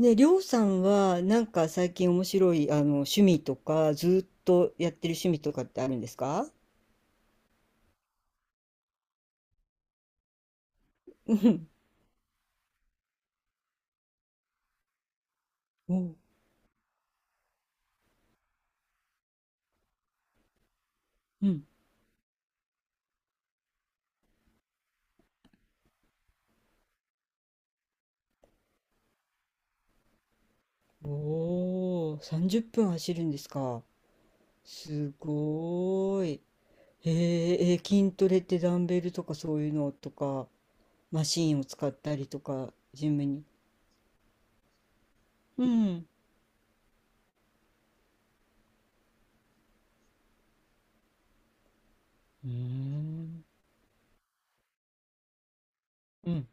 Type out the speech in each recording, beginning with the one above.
ね、りょうさんは最近面白い趣味とかずーっとやってる趣味とかってあるんですか？うん。 おうん。おお、30分走るんですか？すごーい。へーえー、筋トレってダンベルとかそういうのとか、マシーンを使ったりとか、ジムに。うん。うーん。うん。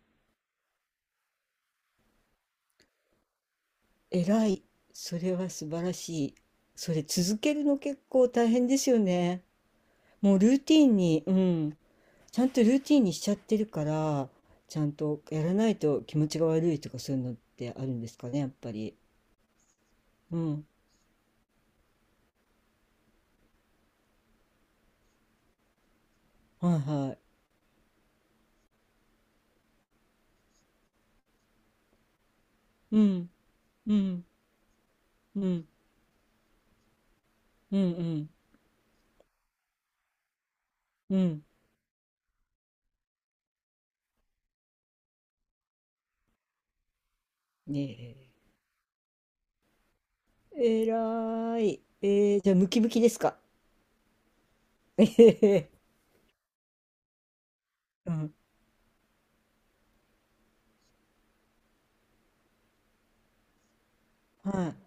えらい。それは素晴らしい。それ続けるの結構大変ですよね。もうルーティンに、うん、ちゃんとルーティンにしちゃってるから、ちゃんとやらないと気持ちが悪いとかそういうのってあるんですかね、やっぱり。うん。はいはい。うん。うん。うん。うん。うん。うん。ねえ。えらい。えー、じゃあムキムキですか？えへへ。うん。はい。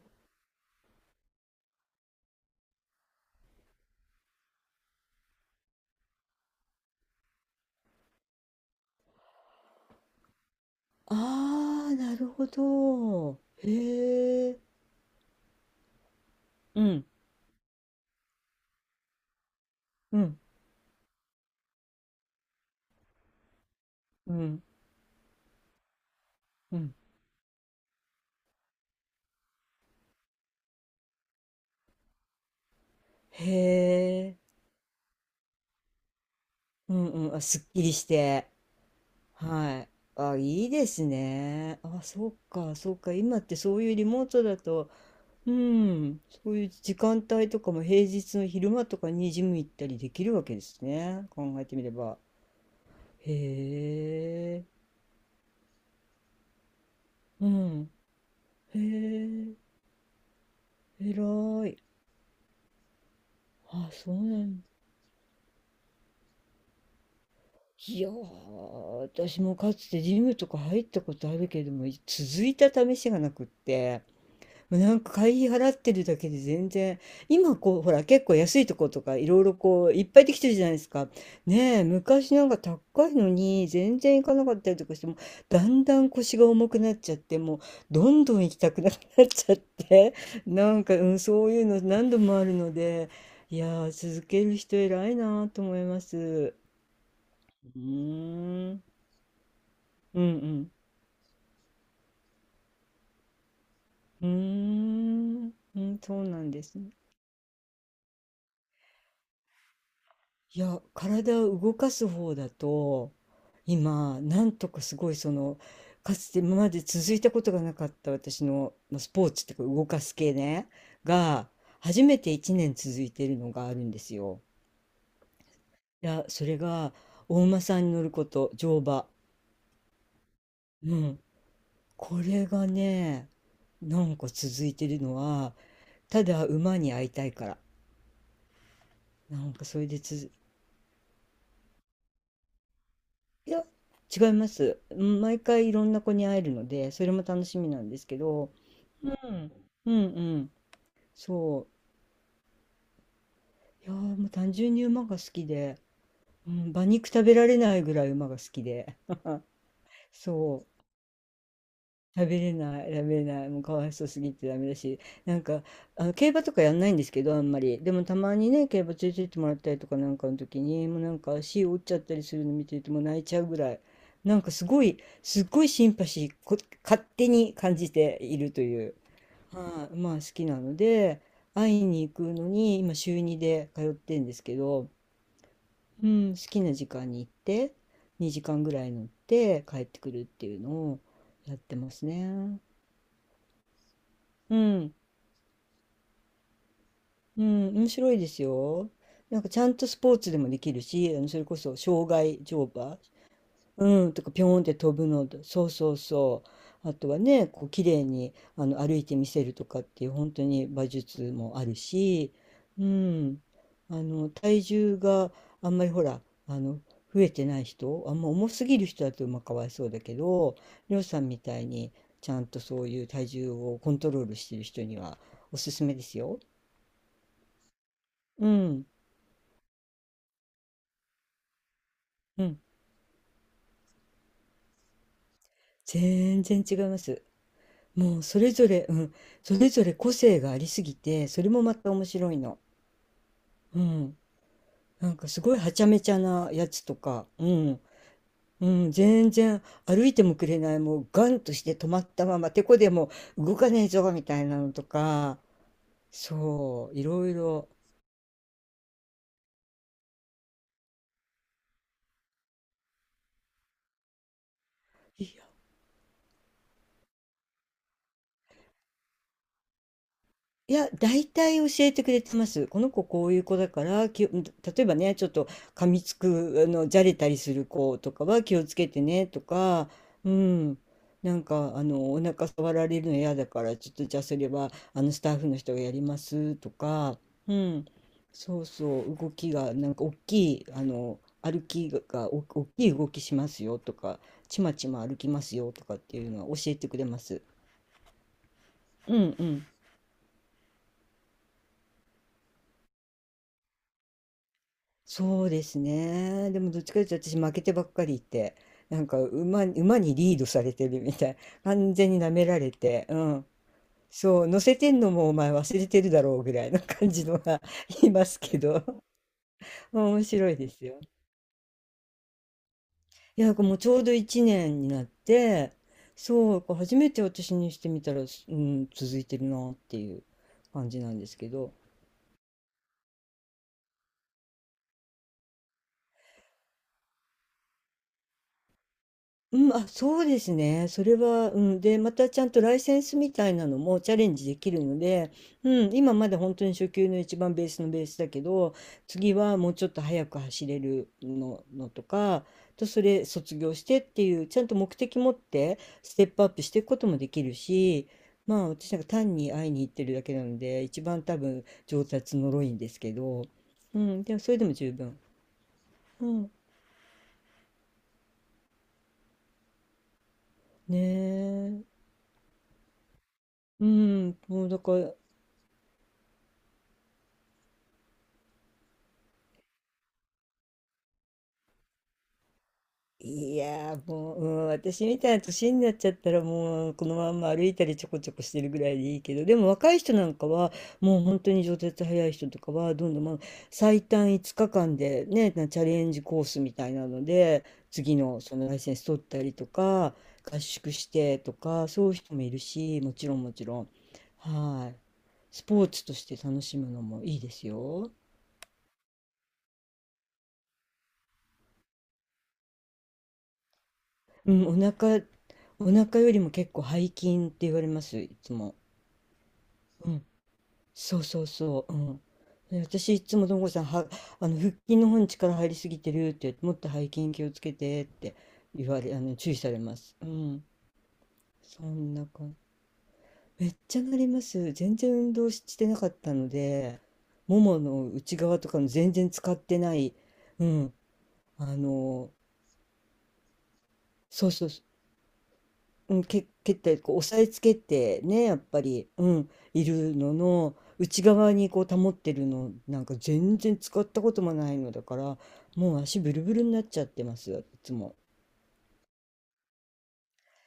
ああ、なるほど。へえ。うん。うん。うん。うん。へえ。うんうん。あ、すっきりして。はい。あ、いいですね。あ、そうか、そうか。今ってそういうリモートだと、うん、そういう時間帯とかも平日の昼間とかにジム行ったりできるわけですね。考えてみれば。へえ、うん。へえ、偉い。あ、そうなんだ。いやー、私もかつてジムとか入ったことあるけれども、続いた試しがなくって。会費払ってるだけで全然、今こう、ほら、結構安いとことかいろいろこう、いっぱいできてるじゃないですか。ねえ、昔高いのに全然行かなかったりとかしても、だんだん腰が重くなっちゃって、もう、どんどん行きたくなくなっちゃって、うん、そういうの何度もあるので、いやー、続ける人偉いなと思います。うーん、うんうん。うーん、うん、そうなんですね。いや、体を動かす方だと、今、なんとかすごいその、かつて今まで続いたことがなかった私の、まあ、スポーツっていうか動かす系ね、が、初めて1年続いてるのがあるんですよ。いや、それが、お馬さんに乗ること、乗馬。うん。これがね、続いてるのは、ただ馬に会いたいから。なんかそれでついや、違います。うん、毎回いろんな子に会えるので、それも楽しみなんですけど、うん。うんうん、そう。いやーもう単純に馬が好きで、うん、馬肉食べられないぐらい馬が好きで そう。食べれない、食べれない、もうかわいそうすぎてダメだし、なんか、競馬とかやんないんですけど、あんまり。でもたまにね、競馬連れてってもらったりとかの時に、もう足折っちゃったりするの見てるともう泣いちゃうぐらい、なんかすごい、すっごいシンパシー、勝手に感じているという、はい、まあ好きなので、会いに行くのに、今週2で通ってんですけど、うん、好きな時間に行って、2時間ぐらい乗って帰ってくるっていうのをやってますね。うん、うん、面白いですよ。なんかちゃんとスポーツでもできるし、それこそ障害乗馬、うん、とかピョーンって飛ぶのと、そうそうそう。あとはね、こう綺麗に歩いてみせるとかっていう本当に馬術もあるし、うん、体重があんまりほら、あの増えてない人、あんま重すぎる人だとまあかわいそうだけど、りょうさんみたいにちゃんとそういう体重をコントロールしてる人にはおすすめですよ。うん、うん、全然違います。もうそれぞれ、うん、それぞれ個性がありすぎて、それもまた面白いの。うん、なんかすごいはちゃめちゃなやつとか、うん、うん、全然歩いてもくれない、もうガンとして止まったまま、てこでも動かねえぞみたいなのとか、そう、いろいろ。いや、大体教えてくれてます。この子こういう子だから、例えばね、ちょっと噛みつく、じゃれたりする子とかは気をつけてねとか、うん、お腹触られるの嫌だから、ちょっとじゃあそれは、スタッフの人がやりますとか、うん、そうそう、動きが、大きい、歩きが、お大きい動きしますよとか、ちまちま歩きますよとかっていうのは教えてくれます。うんうん。そうですね。でもどっちかというと私負けてばっかりいて、馬に、馬にリードされてるみたい。完全に舐められて、うん。そう、乗せてんのもお前忘れてるだろうぐらいの感じのが いますけど、面白いですよ。いや、もうちょうど1年になって、そう、初めて私にしてみたら、うん、続いてるなっていう感じなんですけど、うん、あ、そうですね。それは、うん。で、またちゃんとライセンスみたいなのもチャレンジできるので、うん、今まで本当に初級の一番ベースのベースだけど、次はもうちょっと速く走れるの、のとか、と、それ卒業してっていう、ちゃんと目的持ってステップアップしていくこともできるし、まあ私なんか単に会いに行ってるだけなので、一番多分上達のろいんですけど、うん、でもそれでも十分。うん、ねえ。うん、もうだからいやーもう、うん、私みたいな年になっちゃったらもうこのまんま歩いたりちょこちょこしてるぐらいでいいけど、でも若い人なんかはもう本当に上達早い人とかはどんどん、まあ、最短5日間でねなチャレンジコースみたいなので次のそのライセンス取ったりとか、合宿してとかそういう人もいるし、もちろんもちろん、はい、スポーツとして楽しむのもいいですよ。うん、お腹よりも結構背筋って言われますいつも。そうそうそう、うん。で私いつも、ともこさんは腹筋の方に力入りすぎてるって言って、もっと背筋気をつけてって言われ注意されます。うん、そんな感じ。めっちゃなります。全然運動してなかったので、ももの内側とかの全然使ってない、うん、あの、そうそう、うん、蹴ったりこう押さえつけてねやっぱり、うん、いるのの内側にこう保ってるの全然使ったこともないのだから、もう足ブルブルになっちゃってますよ、いつも。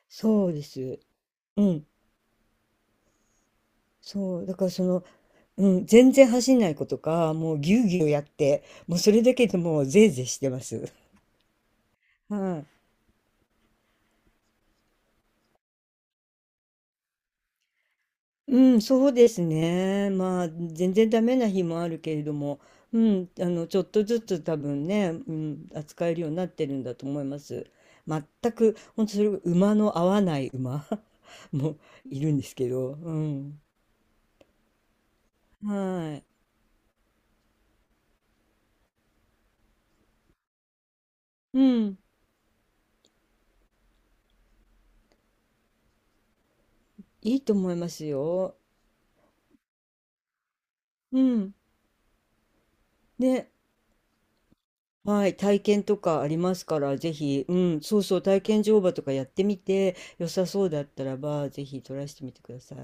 そうです。うん。そう。だからその、うん、全然走んない子とかもうぎゅうぎゅうやって、もうそれだけでもうぜいぜいしてます。はい。うん、そうですね。まあ、全然ダメな日もあるけれども、うん、ちょっとずつ多分ね、うん、扱えるようになってるんだと思います。全く、本当それ、馬の合わない馬 もいるんですけど、うん。はい。うん、いいと思いますよ。うん。ね、はい、体験とかありますから、ぜひ、うん、そうそう、体験乗馬とかやってみて、良さそうだったらば、ぜひトライしてみてください。